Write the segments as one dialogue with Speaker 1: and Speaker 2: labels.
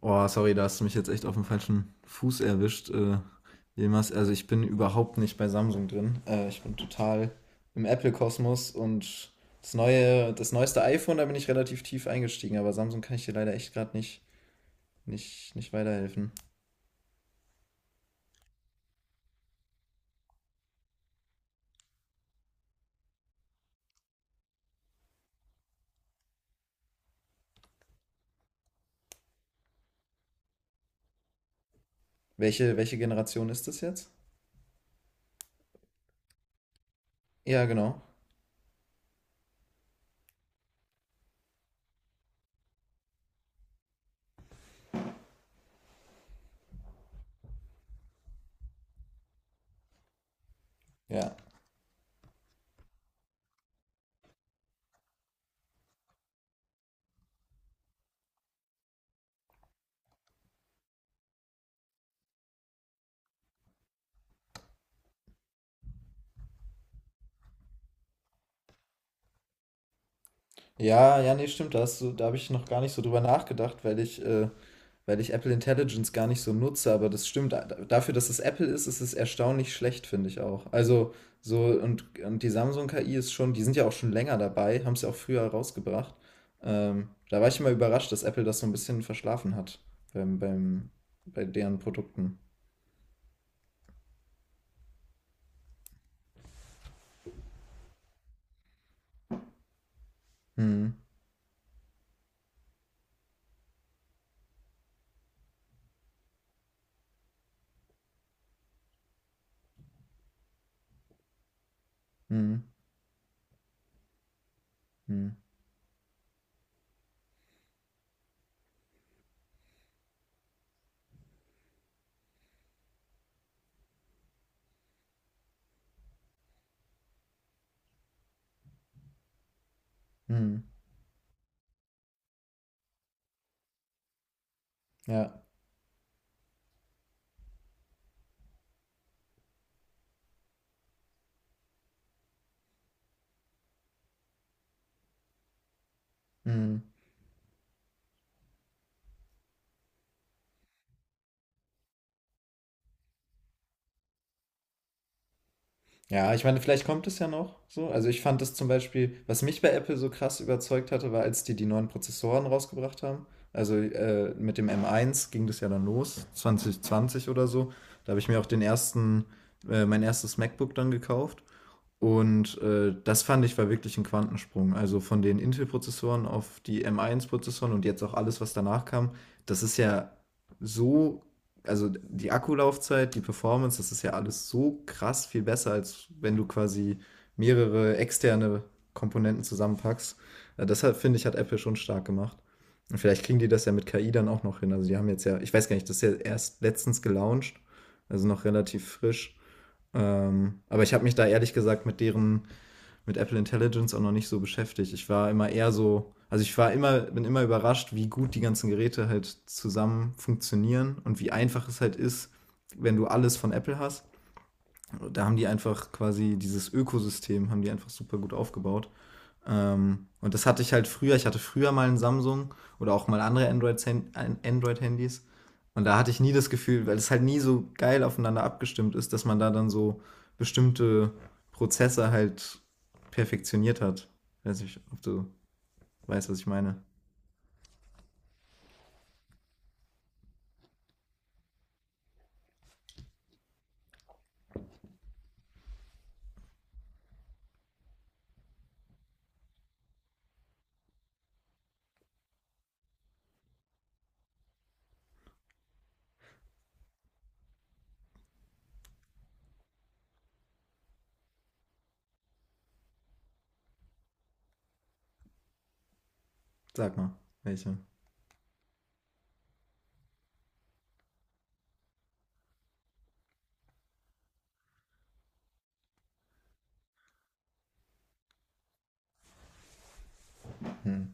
Speaker 1: Oh, sorry, da hast du mich jetzt echt auf dem falschen Fuß erwischt. Jemals, also ich bin überhaupt nicht bei Samsung drin. Ich bin total im Apple-Kosmos und das neue, das neueste iPhone, da bin ich relativ tief eingestiegen, aber Samsung kann ich dir leider echt gerade nicht, nicht weiterhelfen. Welche Generation ist das jetzt? Ja, genau. Ja. Ja, ja, nee, stimmt, da hast du, da habe ich noch gar nicht so drüber nachgedacht, weil ich Apple Intelligence gar nicht so nutze, aber das stimmt. Dafür, dass es Apple ist, ist es erstaunlich schlecht, finde ich auch. Also so, und die Samsung-KI ist schon, die sind ja auch schon länger dabei, haben es ja auch früher rausgebracht. Da war ich immer überrascht, dass Apple das so ein bisschen verschlafen hat beim, beim, bei deren Produkten. Hm, hm, hm, hm. Ja. Hm. Ja, ich meine, vielleicht kommt es ja noch so. Also ich fand das zum Beispiel, was mich bei Apple so krass überzeugt hatte, war, als die neuen Prozessoren rausgebracht haben. Also mit dem M1 ging das ja dann los, 2020 oder so. Da habe ich mir auch den ersten, mein erstes MacBook dann gekauft. Und, das fand ich war wirklich ein Quantensprung. Also, von den Intel-Prozessoren auf die M1-Prozessoren und jetzt auch alles, was danach kam, das ist ja so, also, die Akkulaufzeit, die Performance, das ist ja alles so krass viel besser, als wenn du quasi mehrere externe Komponenten zusammenpackst. Das finde ich, hat Apple schon stark gemacht. Und vielleicht kriegen die das ja mit KI dann auch noch hin. Also, die haben jetzt ja, ich weiß gar nicht, das ist ja erst letztens gelauncht, also noch relativ frisch. Aber ich habe mich da ehrlich gesagt mit deren, mit Apple Intelligence auch noch nicht so beschäftigt. Ich war immer eher so, also ich war immer, bin immer überrascht, wie gut die ganzen Geräte halt zusammen funktionieren und wie einfach es halt ist, wenn du alles von Apple hast. Da haben die einfach quasi dieses Ökosystem, haben die einfach super gut aufgebaut. Und das hatte ich halt früher. Ich hatte früher mal ein Samsung oder auch mal andere Android-Handys. Und da hatte ich nie das Gefühl, weil es halt nie so geil aufeinander abgestimmt ist, dass man da dann so bestimmte Prozesse halt perfektioniert hat. Weiß nicht, ob du weißt, was ich meine. Sag mal, welche. Hm.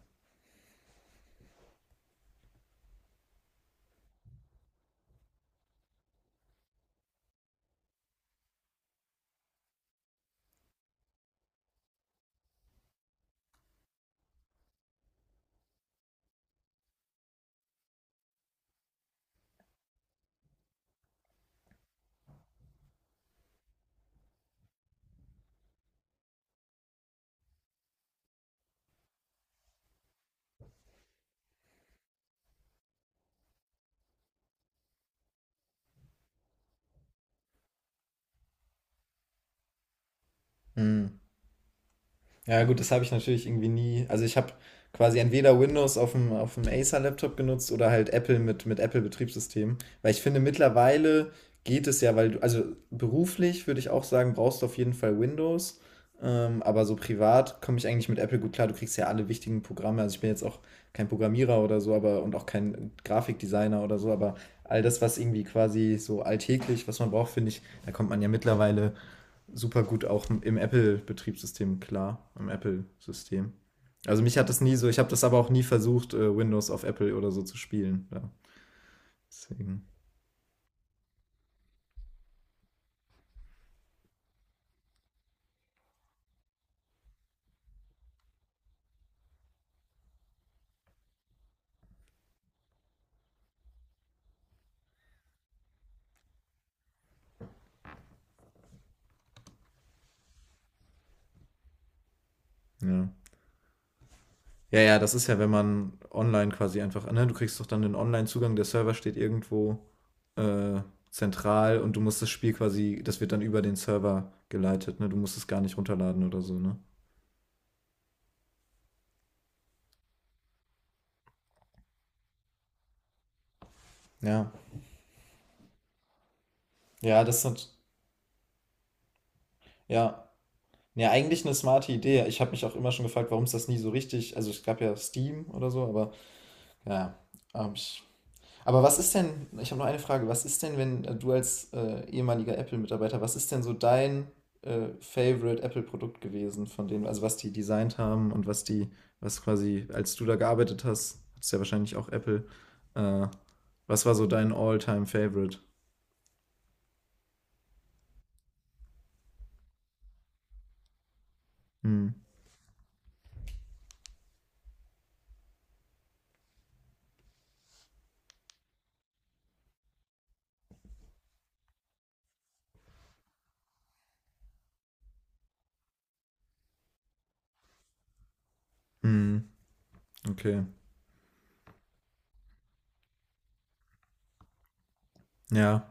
Speaker 1: Hm. Ja, gut, das habe ich natürlich irgendwie nie. Also ich habe quasi entweder Windows auf dem Acer-Laptop genutzt oder halt Apple mit Apple-Betriebssystem. Weil ich finde, mittlerweile geht es ja, weil du, also beruflich würde ich auch sagen, brauchst du auf jeden Fall Windows. Aber so privat komme ich eigentlich mit Apple gut klar. Du kriegst ja alle wichtigen Programme. Also ich bin jetzt auch kein Programmierer oder so, aber und auch kein Grafikdesigner oder so, aber all das, was irgendwie quasi so alltäglich, was man braucht, finde ich, da kommt man ja mittlerweile super gut auch im Apple-Betriebssystem klar, im Apple-System. Also mich hat das nie so, ich habe das aber auch nie versucht, Windows auf Apple oder so zu spielen. Ja. Deswegen, ja. Ja, ja, das ist ja, wenn man online quasi einfach, ne, du kriegst doch dann den Online-Zugang, der Server steht irgendwo äh, zentral und du musst das Spiel quasi, das wird dann über den Server geleitet, ne? Du musst es gar nicht runterladen oder so, ne? Ja. Ja, das hat, ja, ja, eigentlich eine smarte Idee. Ich habe mich auch immer schon gefragt, warum es das nie so richtig. Also es gab ja Steam oder so, aber ja. Ähm, ich, aber was ist denn, ich habe noch eine Frage, was ist denn, wenn du als ehemaliger Apple-Mitarbeiter, was ist denn so dein Favorite Apple-Produkt gewesen, von denen, also was die designt haben und was die, was quasi, als du da gearbeitet hast, hattest ja wahrscheinlich auch Apple, äh, was war so dein All-Time-Favorite? Hm, hm, okay. Ja.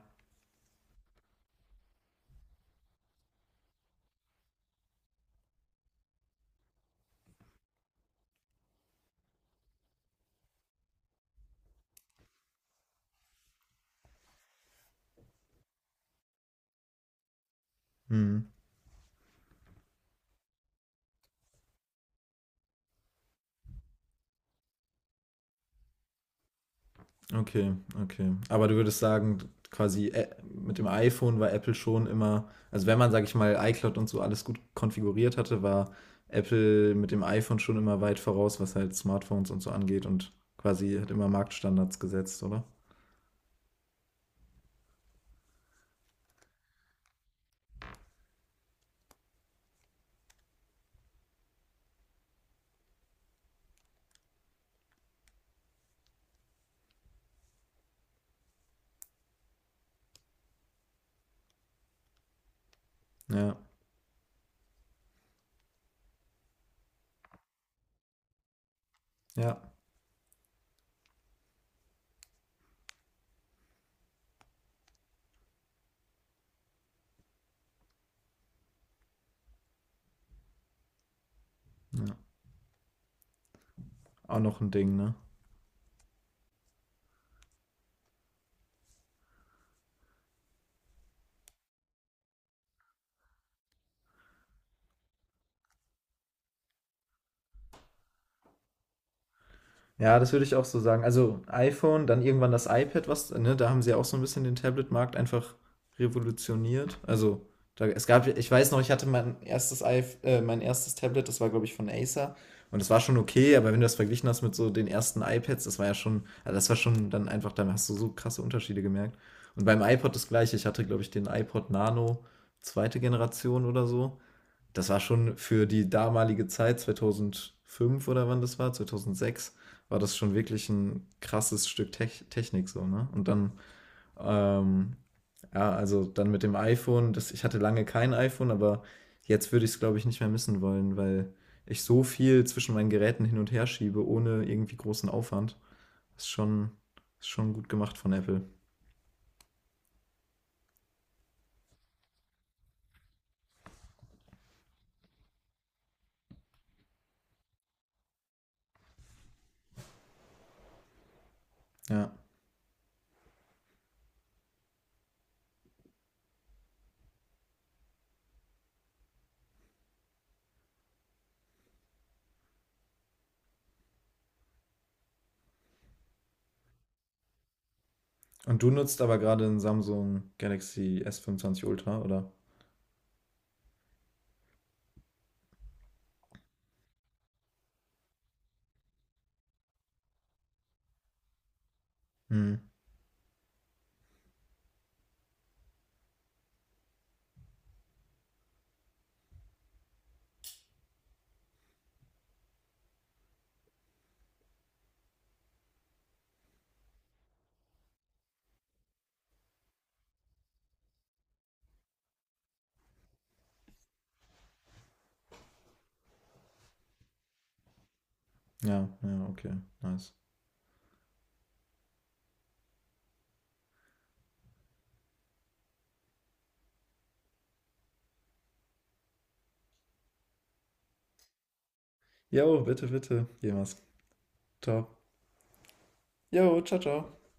Speaker 1: Hm. Okay, okay. Aber du würdest sagen, quasi mit dem iPhone war Apple schon immer, also wenn man, sag ich mal, iCloud und so alles gut konfiguriert hatte, war Apple mit dem iPhone schon immer weit voraus, was halt Smartphones und so angeht und quasi hat immer Marktstandards gesetzt, oder? Ja, ja, ja. Auch noch ein Ding, ne? Ja, das würde ich auch so sagen. Also iPhone, dann irgendwann das iPad, was, ne, da haben sie ja auch so ein bisschen den Tablet-Markt einfach revolutioniert. Also, da, es gab, ich weiß noch, ich hatte mein erstes iPh mein erstes Tablet, das war, glaube ich, von Acer. Und das war schon okay, aber wenn du das verglichen hast mit so den ersten iPads, das war ja schon, also das war schon dann einfach, da hast du so krasse Unterschiede gemerkt. Und beim iPod das gleiche, ich hatte, glaube ich, den iPod Nano zweite Generation oder so, das war schon für die damalige Zeit, 2005 oder wann das war, 2006, war das schon wirklich ein krasses Stück Technik so, ne? Und dann, ähm, ja, also dann mit dem iPhone, das, ich hatte lange kein iPhone, aber jetzt würde ich es, glaube ich, nicht mehr missen wollen, weil ich so viel zwischen meinen Geräten hin und her schiebe, ohne irgendwie großen Aufwand. Ist schon, ist schon gut gemacht von Apple. Ja. Und du nutzt aber gerade ein Samsung Galaxy S25 Ultra, oder? Hm. Ja, ja, okay, nice. Jo, bitte, bitte, jemals. Ciao. Jo, ciao, ciao.